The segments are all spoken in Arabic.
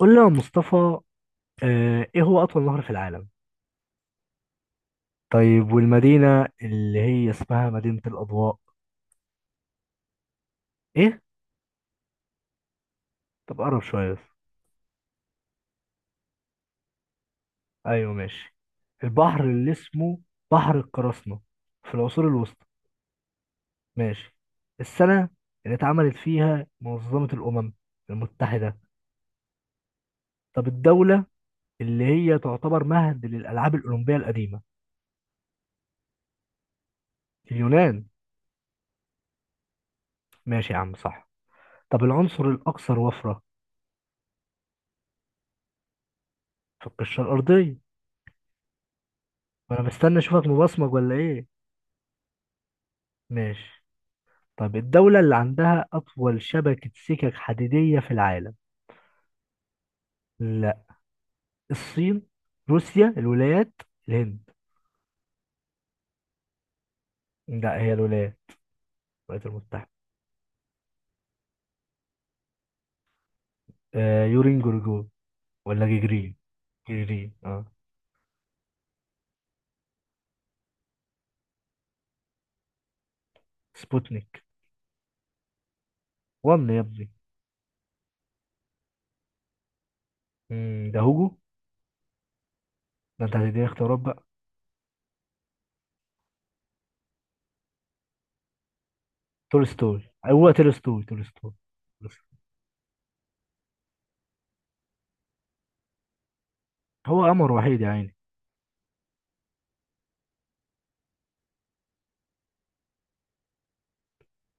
قول لي يا مصطفى. ايه هو اطول نهر في العالم؟ طيب، والمدينة اللي هي اسمها مدينة الاضواء؟ ايه؟ طب قرب شوية بس. ايوه، ماشي. البحر اللي اسمه بحر القراصنة في العصور الوسطى. ماشي. السنة اللي اتعملت فيها منظمة الأمم المتحدة. طب الدولة اللي هي تعتبر مهد للألعاب الأولمبية القديمة. اليونان. ماشي يا عم، صح. طب العنصر الأكثر وفرة في القشرة الأرضية. وأنا مستني أشوفك مبصمج ولا إيه. ماشي. طب الدولة اللي عندها أطول شبكة سكك حديدية في العالم. لا. الصين، روسيا، الولايات، الهند. لا، هي الولايات المتحدة. يورين جورجو ولا جيجرين. جيجرين. اه سبوتنيك وان يا ابني. ده هوجو. ده انت هتديني اختيارات بقى. تولستوي، هو تولستوي. تولستوي. هو قمر وحيد يا عيني.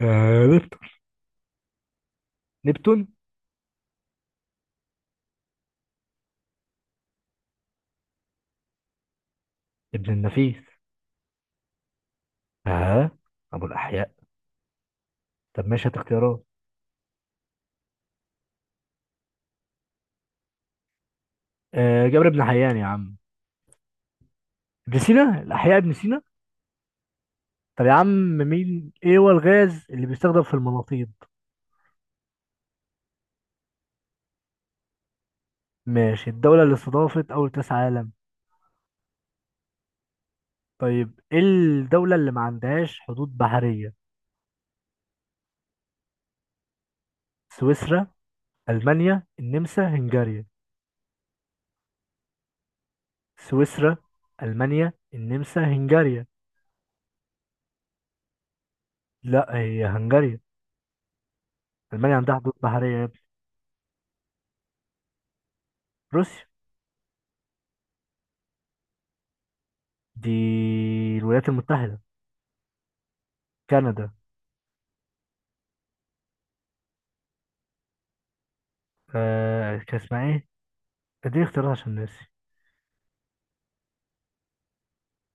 نبتون. نبتون. ابن النفيس. اه. ابو الاحياء. طب ماشي، هات اختيارات. جابر بن حيان يا عم. ابن سينا الأحياء، ابن سينا. طب يا عم، مين إيه هو الغاز اللي بيستخدم في المناطيد؟ ماشي. الدولة اللي استضافت أول كأس عالم. طيب، إيه الدولة اللي ما عندهاش حدود بحرية؟ سويسرا، ألمانيا، النمسا، هنغاريا. سويسرا، ألمانيا، النمسا، هنغاريا. لا، هي هنغاريا. ألمانيا عندها حدود بحرية يا ابني. روسيا. دي الولايات المتحدة. كندا. كان اسمها إيه؟ اديني اختيارات عشان ناسي.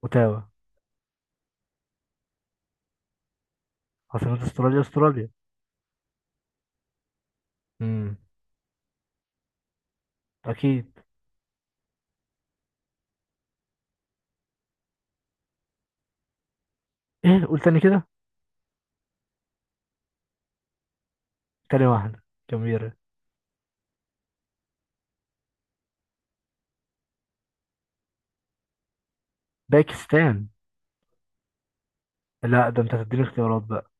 أوتاوا. عاصمة استراليا. امم اكيد. ايه، قول تاني كده. تاني واحدة، جميلة. باكستان. لا، ده انت هتديني اختيارات بقى.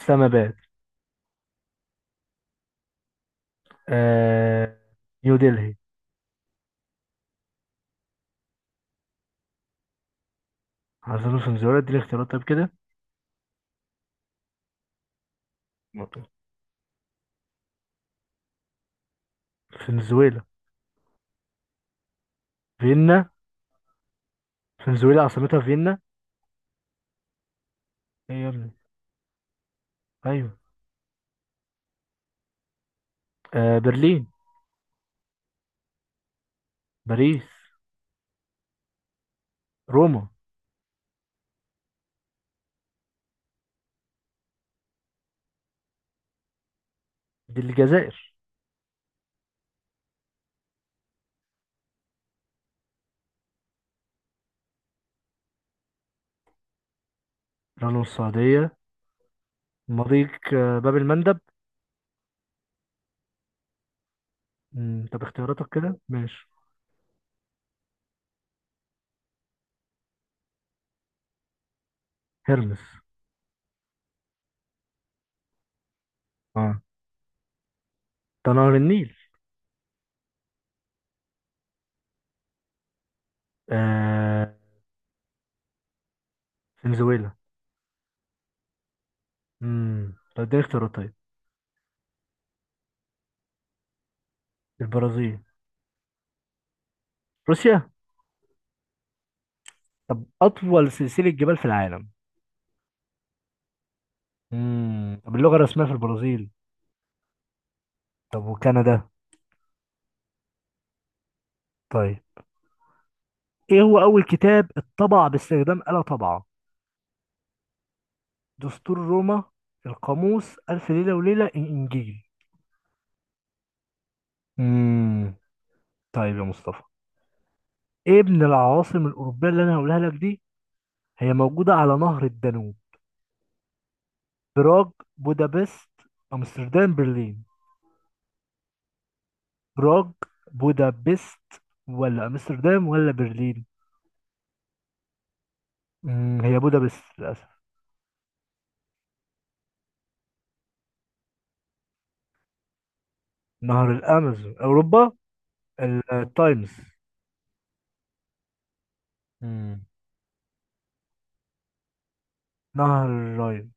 اسلاماباد. آه... نيو دلهي. عاصمة فنزويلا، اديني اختيارات طيب كده. فنزويلا. فيينا. فنزويلا عاصمتها فيينا؟ ايه يا ابني. ايوه. برلين. باريس. روما. دي الجزائر. لبنان، السعودية. مضيق باب المندب. طب اختياراتك كده ماشي. هرمس. اه، ده نهر النيل. آه. فنزويلا. طب اديني اختيارات طيب. البرازيل. روسيا. طب أطول سلسلة جبال في العالم. طب اللغة الرسمية في البرازيل. طب، وكندا. طيب، إيه هو أول كتاب اتطبع باستخدام آلة طبعة؟ دستور روما، القاموس، ألف ليلة وليلة، الإنجيل. امم. طيب يا مصطفى، إيه من العواصم الأوروبية اللي أنا هقولها لك دي، هي موجودة على نهر الدانوب؟ براغ، بودابست، أمستردام، برلين. براغ، بودابست، ولا أمستردام، ولا برلين. هي بودابست. نهر الامازون؟ اوروبا. التايمز. امم. نهر الراين.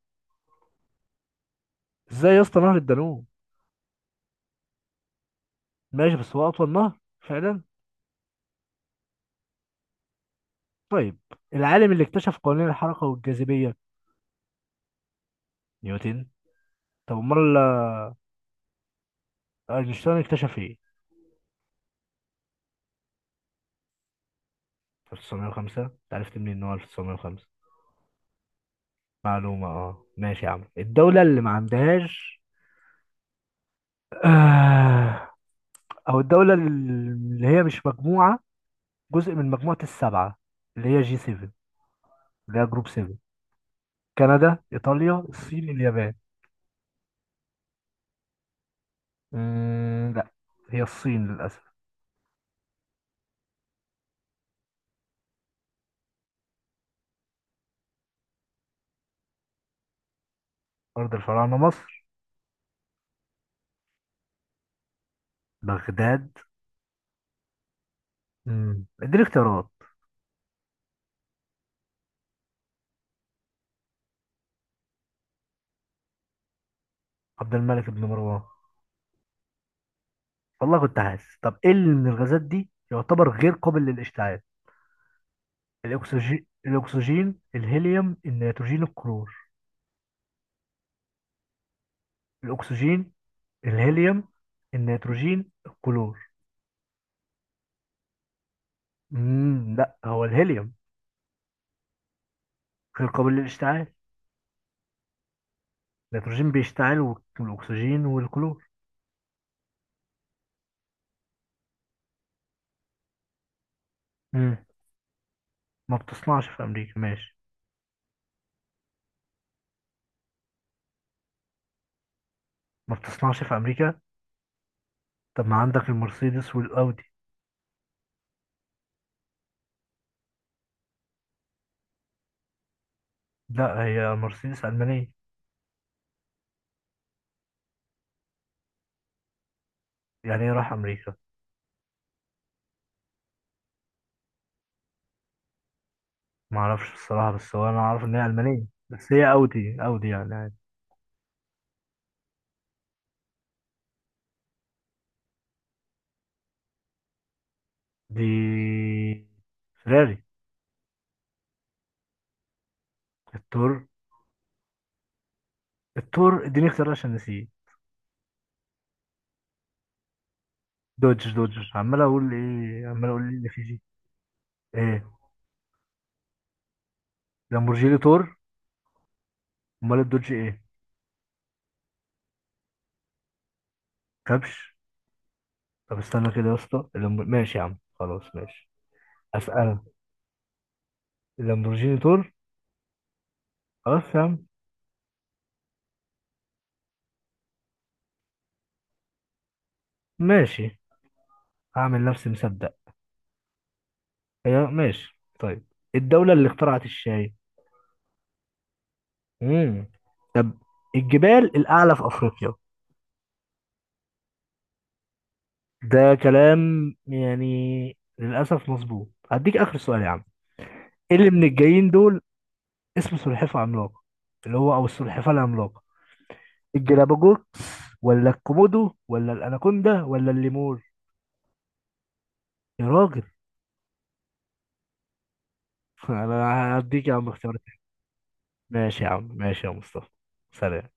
ازاي يا اسطى نهر الدانوب؟ ماشي، بس هو اطول نهر فعلا. طيب، العالم اللي اكتشف قوانين الحركه والجاذبيه. نيوتن. طب امال اينشتاين اكتشف ايه؟ 1905؟ انت عرفت منين ان هو 1905؟ معلومه، ماشي يا عم. الدوله اللي ما عندهاش، آه، او الدوله اللي هي مش مجموعه، جزء من مجموعه السبعه، اللي هي جي 7، اللي هي جروب 7. كندا، إيطاليا، الصين، اليابان. لا، هي الصين للأسف. أرض الفراعنة مصر. بغداد. اديني اختيارات. عبد الملك بن مروان. والله كنت حاسس. طب إيه اللي من الغازات دي يعتبر غير قابل للاشتعال؟ الأكسجين الهيليوم، النيتروجين، الكلور. الأكسجين، الهيليوم، النيتروجين، الكلور. لا، هو الهيليوم غير قابل للاشتعال. النيتروجين بيشتعل، والأكسجين والكلور. مم. ما بتصنعش في أمريكا ماشي. ما بتصنعش في امريكا. طب، ما عندك المرسيدس والاودي. لا، هي مرسيدس المانيه. يعني ايه راح امريكا؟ ما اعرفش الصراحه، بس هو انا اعرف ان هي المانيه، بس هي اودي، اودي يعني عادي. دي فيراري. التور. التور، اديني اختيار عشان نسيه. دوج، عمال اقول ايه، عمال اقول ايه اللي فيه جي. ايه؟ لامبورجيني، تور. امال الدوج ايه؟ كبش. طب استنى كده يا اسطى، ماشي يا عم، خلاص ماشي. اسال. اللامبورجيني تور. خلاص يا عم. ماشي. هعمل نفسي مصدق. هي ماشي طيب. الدولة اللي اخترعت الشاي. امم طب الجبال الأعلى في أفريقيا. ده كلام يعني للأسف مظبوط. هديك آخر سؤال يا عم. إيه اللي من الجايين دول اسمه سلحفاة عملاقة؟ اللي هو أو السلحفاة العملاقة. الجلابوجوكس، ولا الكومودو، ولا الأناكوندا، ولا الليمور. يا راجل! أنا هديك يا عم اختيارات. ماشي يا عم، ماشي يا مصطفى، سلام.